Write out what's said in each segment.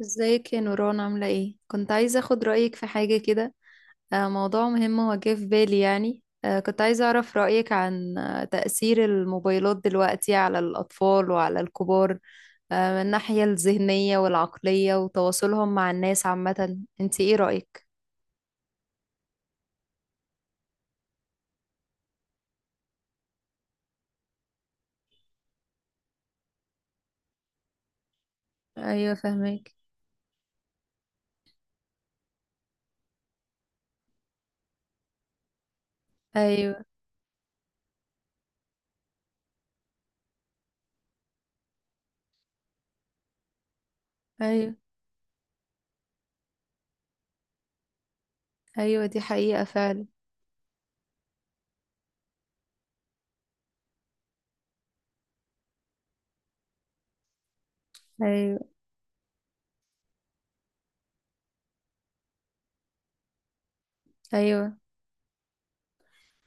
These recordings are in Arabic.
ازيك يا نوران، عاملة ايه؟ كنت عايزة اخد رأيك في حاجة كده. موضوع مهم هو جه في بالي، يعني كنت عايزة اعرف رأيك عن تأثير الموبايلات دلوقتي على الأطفال وعلى الكبار، من الناحية الذهنية والعقلية وتواصلهم مع الناس عامة. انت ايه رأيك؟ ايوه، فهمك. ايوه، ايوه، ايوه، دي حقيقة فعلا. ايوه، ايوه،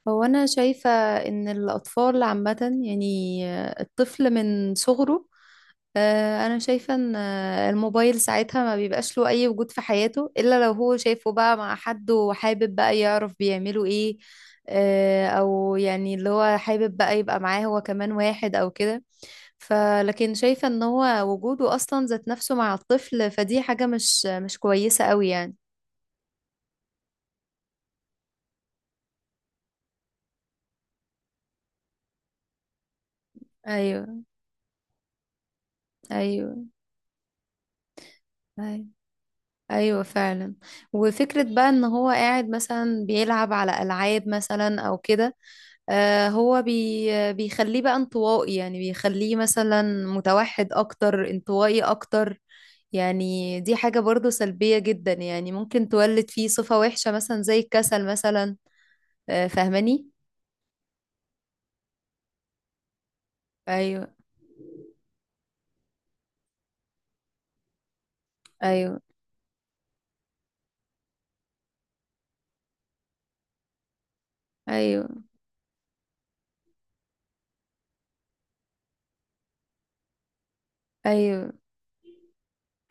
هو انا شايفة ان الاطفال عامة، يعني الطفل من صغره، انا شايفه ان الموبايل ساعتها ما بيبقاش له اي وجود في حياته، الا لو هو شايفه بقى مع حد وحابب بقى يعرف بيعملوا ايه، او يعني اللي هو حابب بقى يبقى معاه هو كمان واحد او كده. فلكن شايفه ان هو وجوده اصلا ذات نفسه مع الطفل، فدي حاجه مش كويسه قوي يعني. ايوه، ايوه، ايوه، ايوه فعلا. وفكره بقى ان هو قاعد مثلا بيلعب على العاب مثلا او كده. هو بيخليه بقى انطوائي، يعني بيخليه مثلا متوحد اكتر، انطوائي اكتر. يعني دي حاجة برضو سلبية جدا، يعني ممكن تولد فيه صفة وحشة مثلا زي الكسل مثلا. فاهماني؟ ايوه، ايوه، ايوه، ايوه،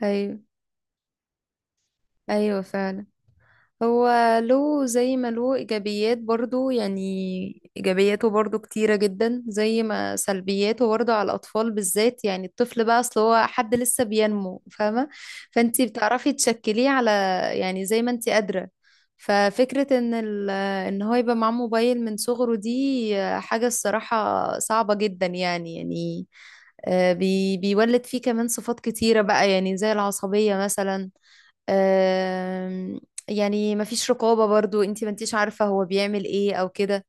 ايوه، ايوه فعلا. هو له زي ما له إيجابيات برضو، يعني إيجابياته برضو كتيرة جدا زي ما سلبياته، برضو على الأطفال بالذات. يعني الطفل بقى، أصل هو حد لسه بينمو، فاهمة؟ فأنتي بتعرفي تشكليه على، يعني زي ما أنتي قادرة. ففكرة إن هو يبقى معاه موبايل من صغره، دي حاجة الصراحة صعبة جدا يعني. بيولد فيه كمان صفات كتيرة بقى، يعني زي العصبية مثلا. آم، يعني مفيش رقابة برضو، انتي ما انتيش عارفة هو بيعمل ايه او كده.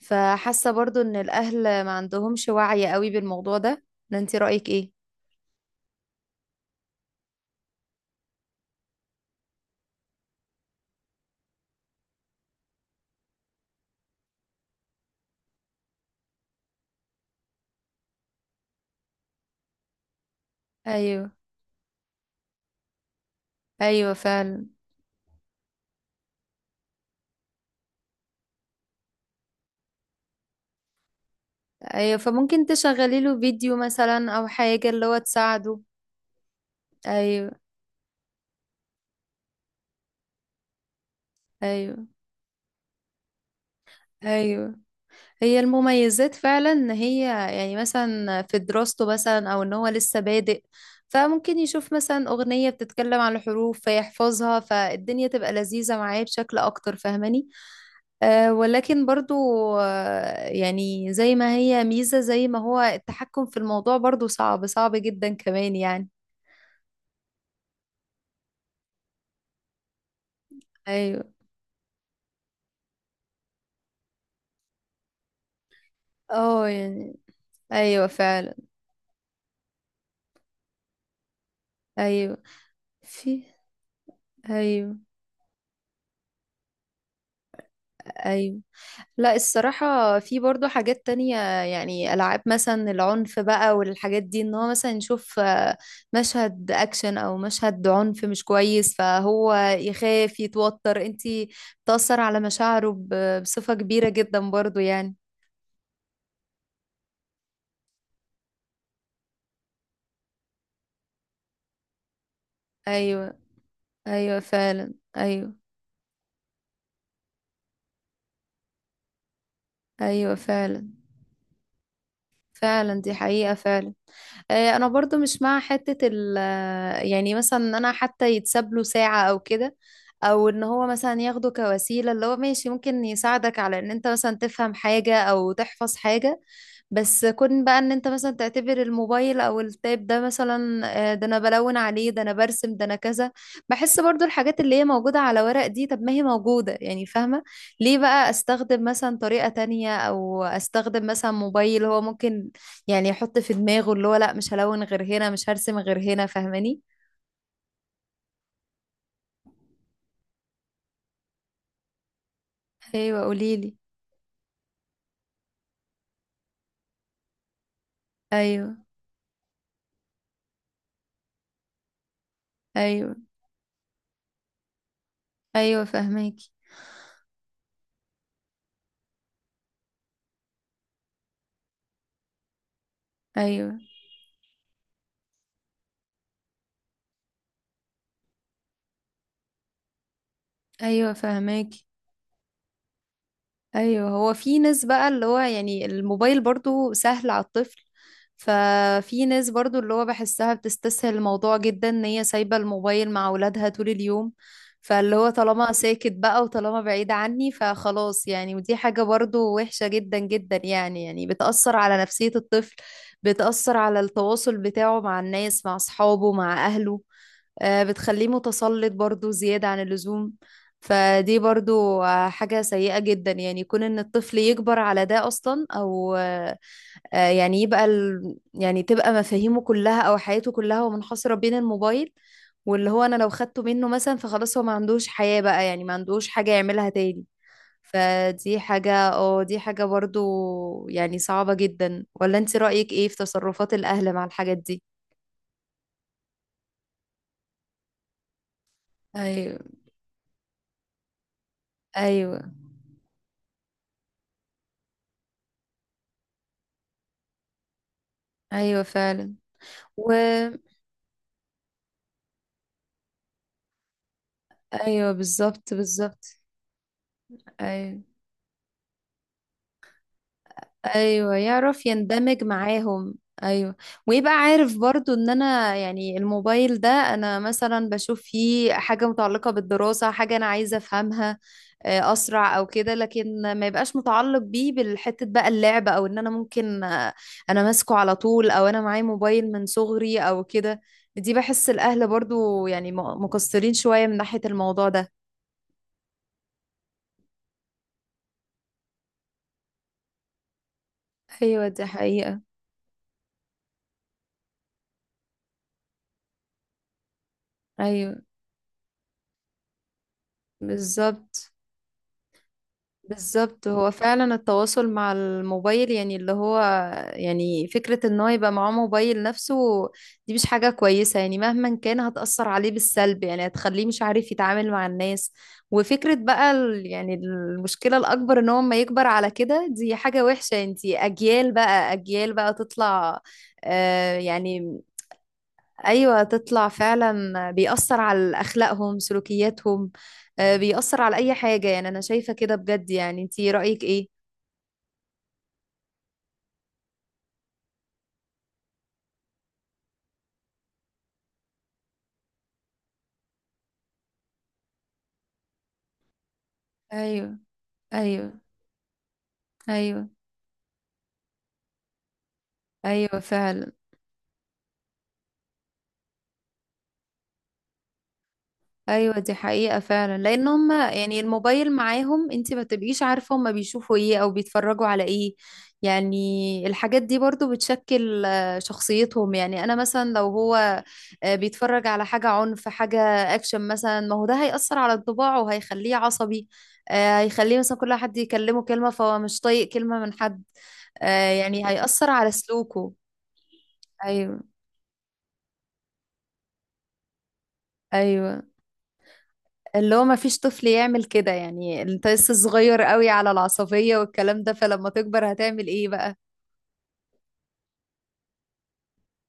فحاسة برضو ان الاهل ما عندهمش وعي قوي بالموضوع ده، ولا انتي رأيك ايه؟ ايوه، ايوه فعلا. ايوه، فممكن تشغلي له فيديو مثلا او حاجة اللي هو تساعده. ايوه، ايوه، ايوه، هي المميزات فعلا، ان هي يعني مثلا في دراسته، مثلا او ان هو لسه بادئ، فممكن يشوف مثلا اغنية بتتكلم عن الحروف فيحفظها، فالدنيا تبقى لذيذة معاه بشكل اكتر. فاهماني؟ أه، ولكن برضو يعني زي ما هي ميزة، زي ما هو التحكم في الموضوع برضو صعب صعب جدا كمان يعني. ايوه، اه، يعني ايوه فعلا. ايوه. في ايوه، ايوه، لا، الصراحة في برضو حاجات تانية. يعني ألعاب مثلا، العنف بقى والحاجات دي، إن هو مثلا يشوف مشهد أكشن أو مشهد عنف مش كويس، فهو يخاف، يتوتر، انتي بتأثر على مشاعره بصفة كبيرة جدا برضو يعني. أيوة، أيوة فعلا، أيوة. أيوة فعلا، فعلا دي حقيقة فعلا. أنا برضو مش مع حتة ال، يعني مثلا إن أنا حتى يتساب له ساعة أو كده، او ان هو مثلا ياخده كوسيله اللي هو ماشي، ممكن يساعدك على ان انت مثلا تفهم حاجه او تحفظ حاجه. بس كون بقى ان انت مثلا تعتبر الموبايل او التاب ده، مثلا ده انا بلون عليه، ده انا برسم، ده انا كذا. بحس برضو الحاجات اللي هي موجوده على ورق دي، طب ما هي موجوده يعني، فاهمه؟ ليه بقى استخدم مثلا طريقه تانية، او استخدم مثلا موبايل؟ هو ممكن يعني يحط في دماغه اللي هو لا، مش هلون غير هنا، مش هرسم غير هنا، فاهماني؟ ايوه، قوليلي. ايوه، ايوه، ايوه فهماكي. ايوه، ايوه فهماكي. ايوه، هو في ناس بقى، اللي هو يعني الموبايل برضو سهل على الطفل، ففي ناس برضو اللي هو بحسها بتستسهل الموضوع جدا، ان هي سايبة الموبايل مع اولادها طول اليوم. فاللي هو طالما ساكت بقى، وطالما بعيد عني، فخلاص يعني. ودي حاجة برضو وحشة جدا جدا يعني بتأثر على نفسية الطفل، بتأثر على التواصل بتاعه مع الناس، مع أصحابه، مع أهله. بتخليه متسلط برضو زيادة عن اللزوم. فدي برضو حاجة سيئة جدا، يعني يكون ان الطفل يكبر على ده اصلا، او يعني يبقى يعني تبقى مفاهيمه كلها او حياته كلها ومنحصرة بين الموبايل. واللي هو انا لو خدته منه مثلا، فخلاص هو ما عندوش حياة بقى، يعني ما عندوش حاجة يعملها تاني. فدي حاجة اه دي حاجة برضو يعني صعبة جدا. ولا انت رأيك ايه في تصرفات الاهل مع الحاجات دي؟ ايوه، ايوه، ايوه فعلا. و ايوه، بالظبط بالظبط. ايوه، ايوه، يعرف يندمج معاهم. ايوه، ويبقى عارف برضو ان انا يعني الموبايل ده، انا مثلا بشوف فيه حاجة متعلقة بالدراسة، حاجة انا عايزة افهمها اسرع او كده، لكن ما يبقاش متعلق بيه بالحتة بقى اللعب، او ان انا ممكن انا ماسكه على طول، او انا معايا موبايل من صغري او كده. دي بحس الاهل برضو يعني مقصرين شوية من ناحية الموضوع ده. ايوه دي حقيقة. ايوه بالظبط، بالظبط. هو فعلا التواصل مع الموبايل، يعني اللي هو، يعني فكرة ان هو يبقى معاه موبايل نفسه، دي مش حاجة كويسة يعني. مهما كان هتأثر عليه بالسلب، يعني هتخليه مش عارف يتعامل مع الناس. وفكرة بقى يعني المشكلة الأكبر ان هو ما يكبر على كده، دي حاجة وحشة. انتي أجيال بقى، أجيال بقى تطلع، يعني ايوه، تطلع فعلا بيأثر على اخلاقهم، سلوكياتهم. بيأثر على اي حاجة يعني، انا شايفة كده بجد يعني، انتي رأيك ايه؟ ايوه، ايوه، ايوه، ايوه فعلا. ايوه، دي حقيقة فعلا، لان هم يعني الموبايل معاهم، انت ما تبقيش عارفة هم بيشوفوا ايه او بيتفرجوا على ايه. يعني الحاجات دي برضو بتشكل شخصيتهم. يعني انا مثلا لو هو بيتفرج على حاجة عنف، حاجة اكشن مثلا، ما هو ده هيأثر على انطباعه وهيخليه عصبي. هيخليه مثلا كل حد يكلمه كلمة فهو مش طايق كلمة من حد. يعني هيأثر على سلوكه. ايوه، ايوه، اللي هو ما فيش طفل يعمل كده يعني، انت لسه صغير قوي على العصبية والكلام ده، فلما تكبر هتعمل ايه بقى؟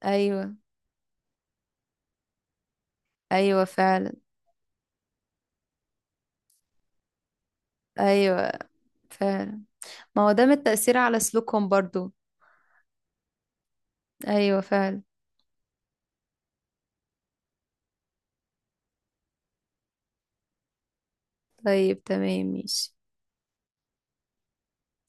ايوه، ايوه فعلا، ايوه فعلا. ما هو ده من التأثير على سلوكهم برضو. ايوه فعلا. طيب تمام ماشي.